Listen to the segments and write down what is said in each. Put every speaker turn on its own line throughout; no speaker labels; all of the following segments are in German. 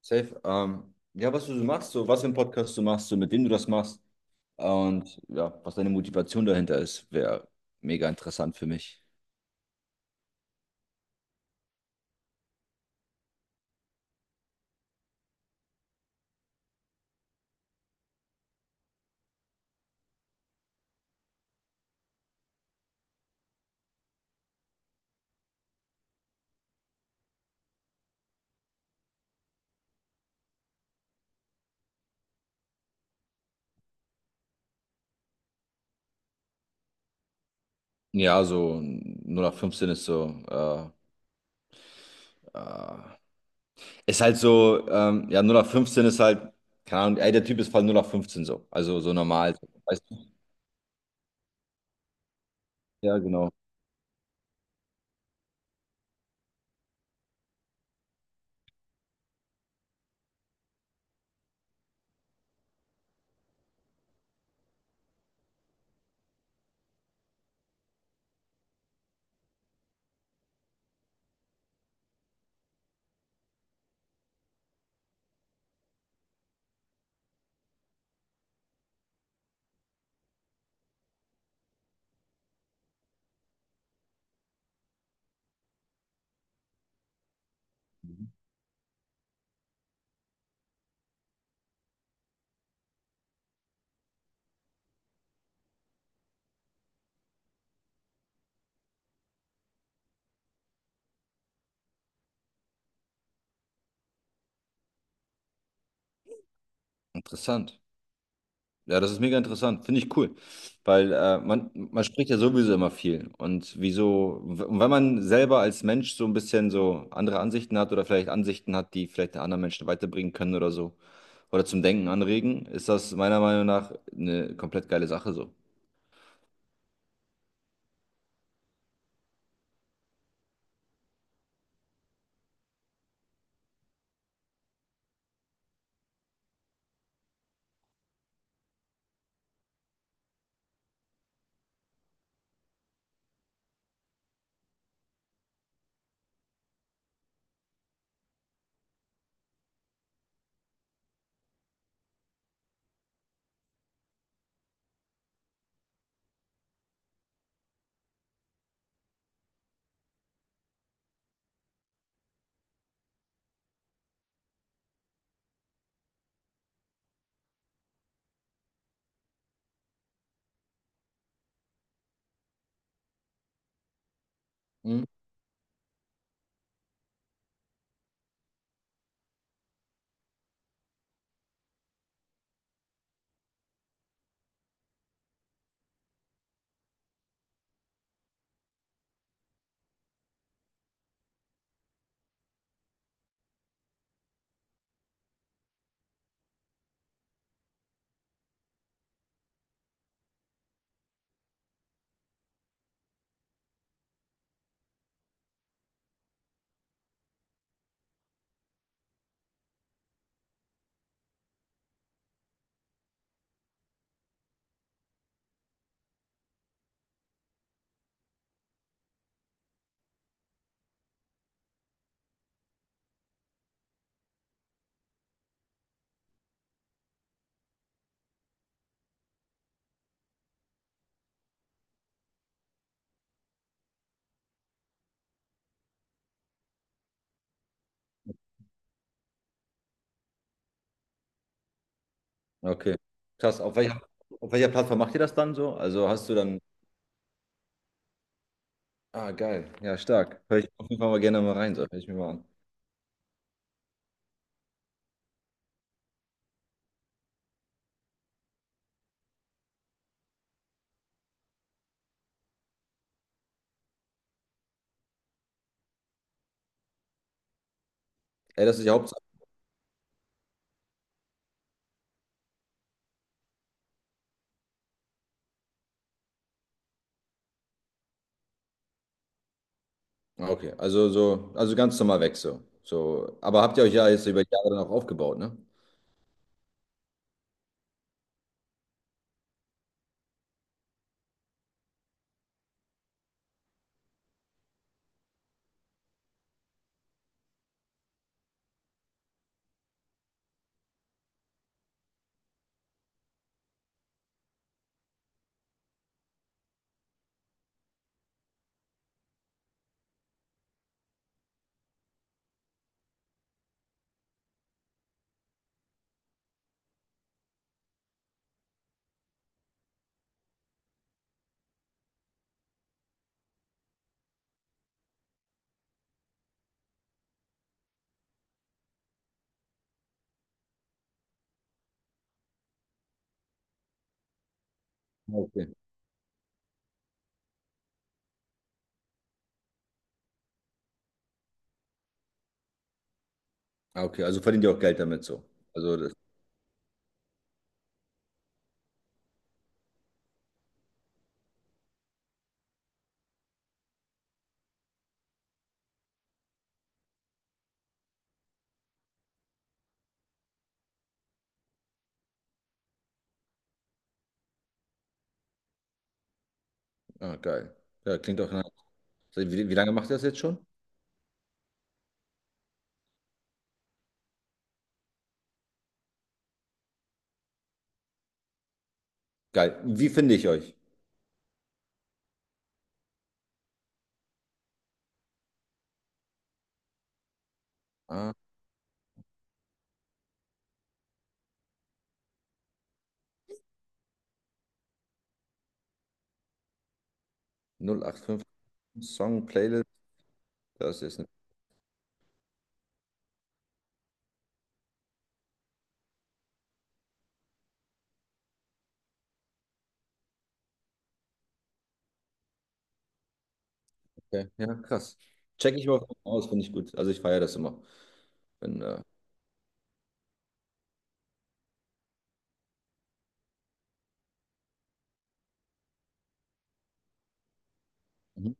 Safe. Ja, was du so machst, so was für einen Podcast du machst, so mit wem du das machst und ja, was deine Motivation dahinter ist, wäre mega interessant für mich. Ja, so null nach fünfzehn ist so, äh, ist halt so, ja, null nach fünfzehn ist halt, keine Ahnung, ey, der Typ ist voll null nach fünfzehn so, also so normal, so. Weißt du? Ja, genau. Mhm. Interessant. Ja, das ist mega interessant. Finde ich cool. Weil man spricht ja sowieso immer viel. Und wieso, und wenn man selber als Mensch so ein bisschen so andere Ansichten hat oder vielleicht Ansichten hat, die vielleicht anderen Menschen weiterbringen können oder so, oder zum Denken anregen, ist das meiner Meinung nach eine komplett geile Sache so. Mhm. Okay. Krass. Auf welcher Plattform macht ihr das dann so? Also hast du dann. Ah, geil. Ja, stark. Hör ich auf jeden Fall mal gerne mal rein, so. Hör ich mir mal an. Ey, das ist die Hauptsache. Ah, okay, also so, also ganz normal weg so. So, aber habt ihr euch ja jetzt über die Jahre dann auch aufgebaut, ne? Ah, okay. Ah, okay, also verdient ihr auch Geld damit so. Also das, ah, geil. Ja, klingt doch nice. Seit wie, wie lange macht ihr das jetzt schon? Geil. Wie finde ich euch? Ah, 085 Song Playlist. Das ist eine, okay. Ja, krass. Check ich mal aus, finde ich gut. Also ich feiere das immer. Wenn, mhm.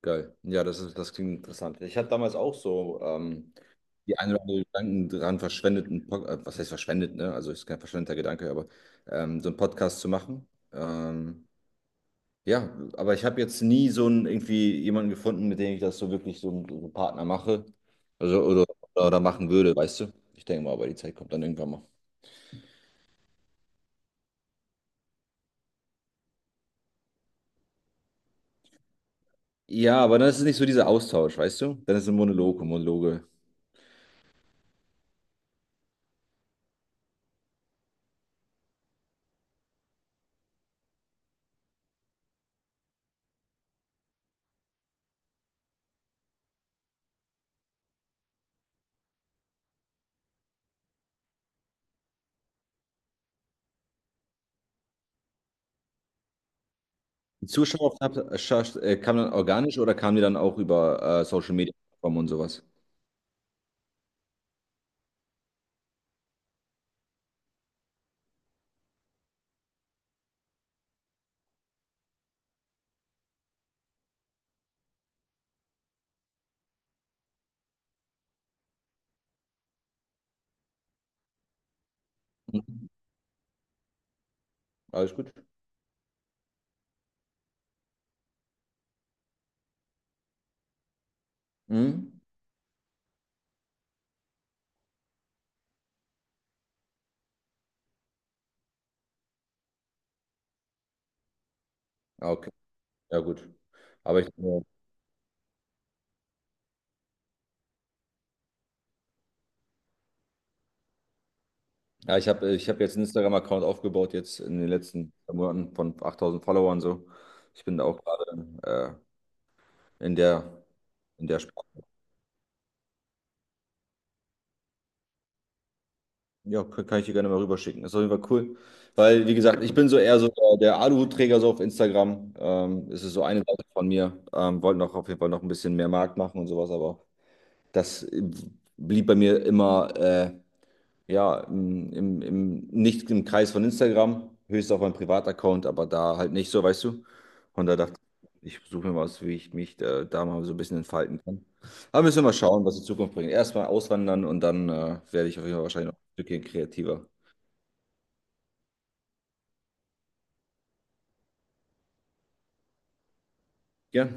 Geil. Ja, das ist, das klingt interessant. Ich hatte damals auch so die ein oder andere Gedanken dran verschwendet, einen was heißt verschwendet, ne? Also ist kein verschwendeter Gedanke, aber so einen Podcast zu machen. Ähm, ja, aber ich habe jetzt nie so einen irgendwie jemanden gefunden, mit dem ich das so wirklich so einen Partner mache. Also oder machen würde, weißt du? Ich denke mal, aber die Zeit kommt dann irgendwann mal. Ja, aber dann ist es nicht so dieser Austausch, weißt du? Dann ist es ein Monolog, und Monologe. Die Zuschauer kam dann organisch oder kamen die dann auch über Social Media Plattformen und sowas? Mhm. Alles gut. Mhm. Ah, okay. Ja, gut. Aber ich, ja, ich habe ich hab jetzt einen Instagram-Account aufgebaut, jetzt in den letzten Monaten von 8.000 Followern so. Ich bin da auch gerade in der, in der Sprache. Ja, kann ich dir gerne mal rüberschicken. Ist auf jeden Fall cool. Weil, wie gesagt, ich bin so eher so der, der Aluhutträger so auf Instagram. Es ist so eine Seite von mir. Wollte noch auf jeden Fall noch ein bisschen mehr Markt machen und sowas, aber das blieb bei mir immer ja, im, im, im, nicht im Kreis von Instagram, höchstens auf meinem Privataccount, aber da halt nicht so, weißt du. Und da dachte ich, ich suche mir was, wie ich mich da mal so ein bisschen entfalten kann. Aber müssen wir mal schauen, was die Zukunft bringt. Erstmal auswandern und dann werde ich auf jeden Fall wahrscheinlich noch ein Stückchen kreativer. Ja.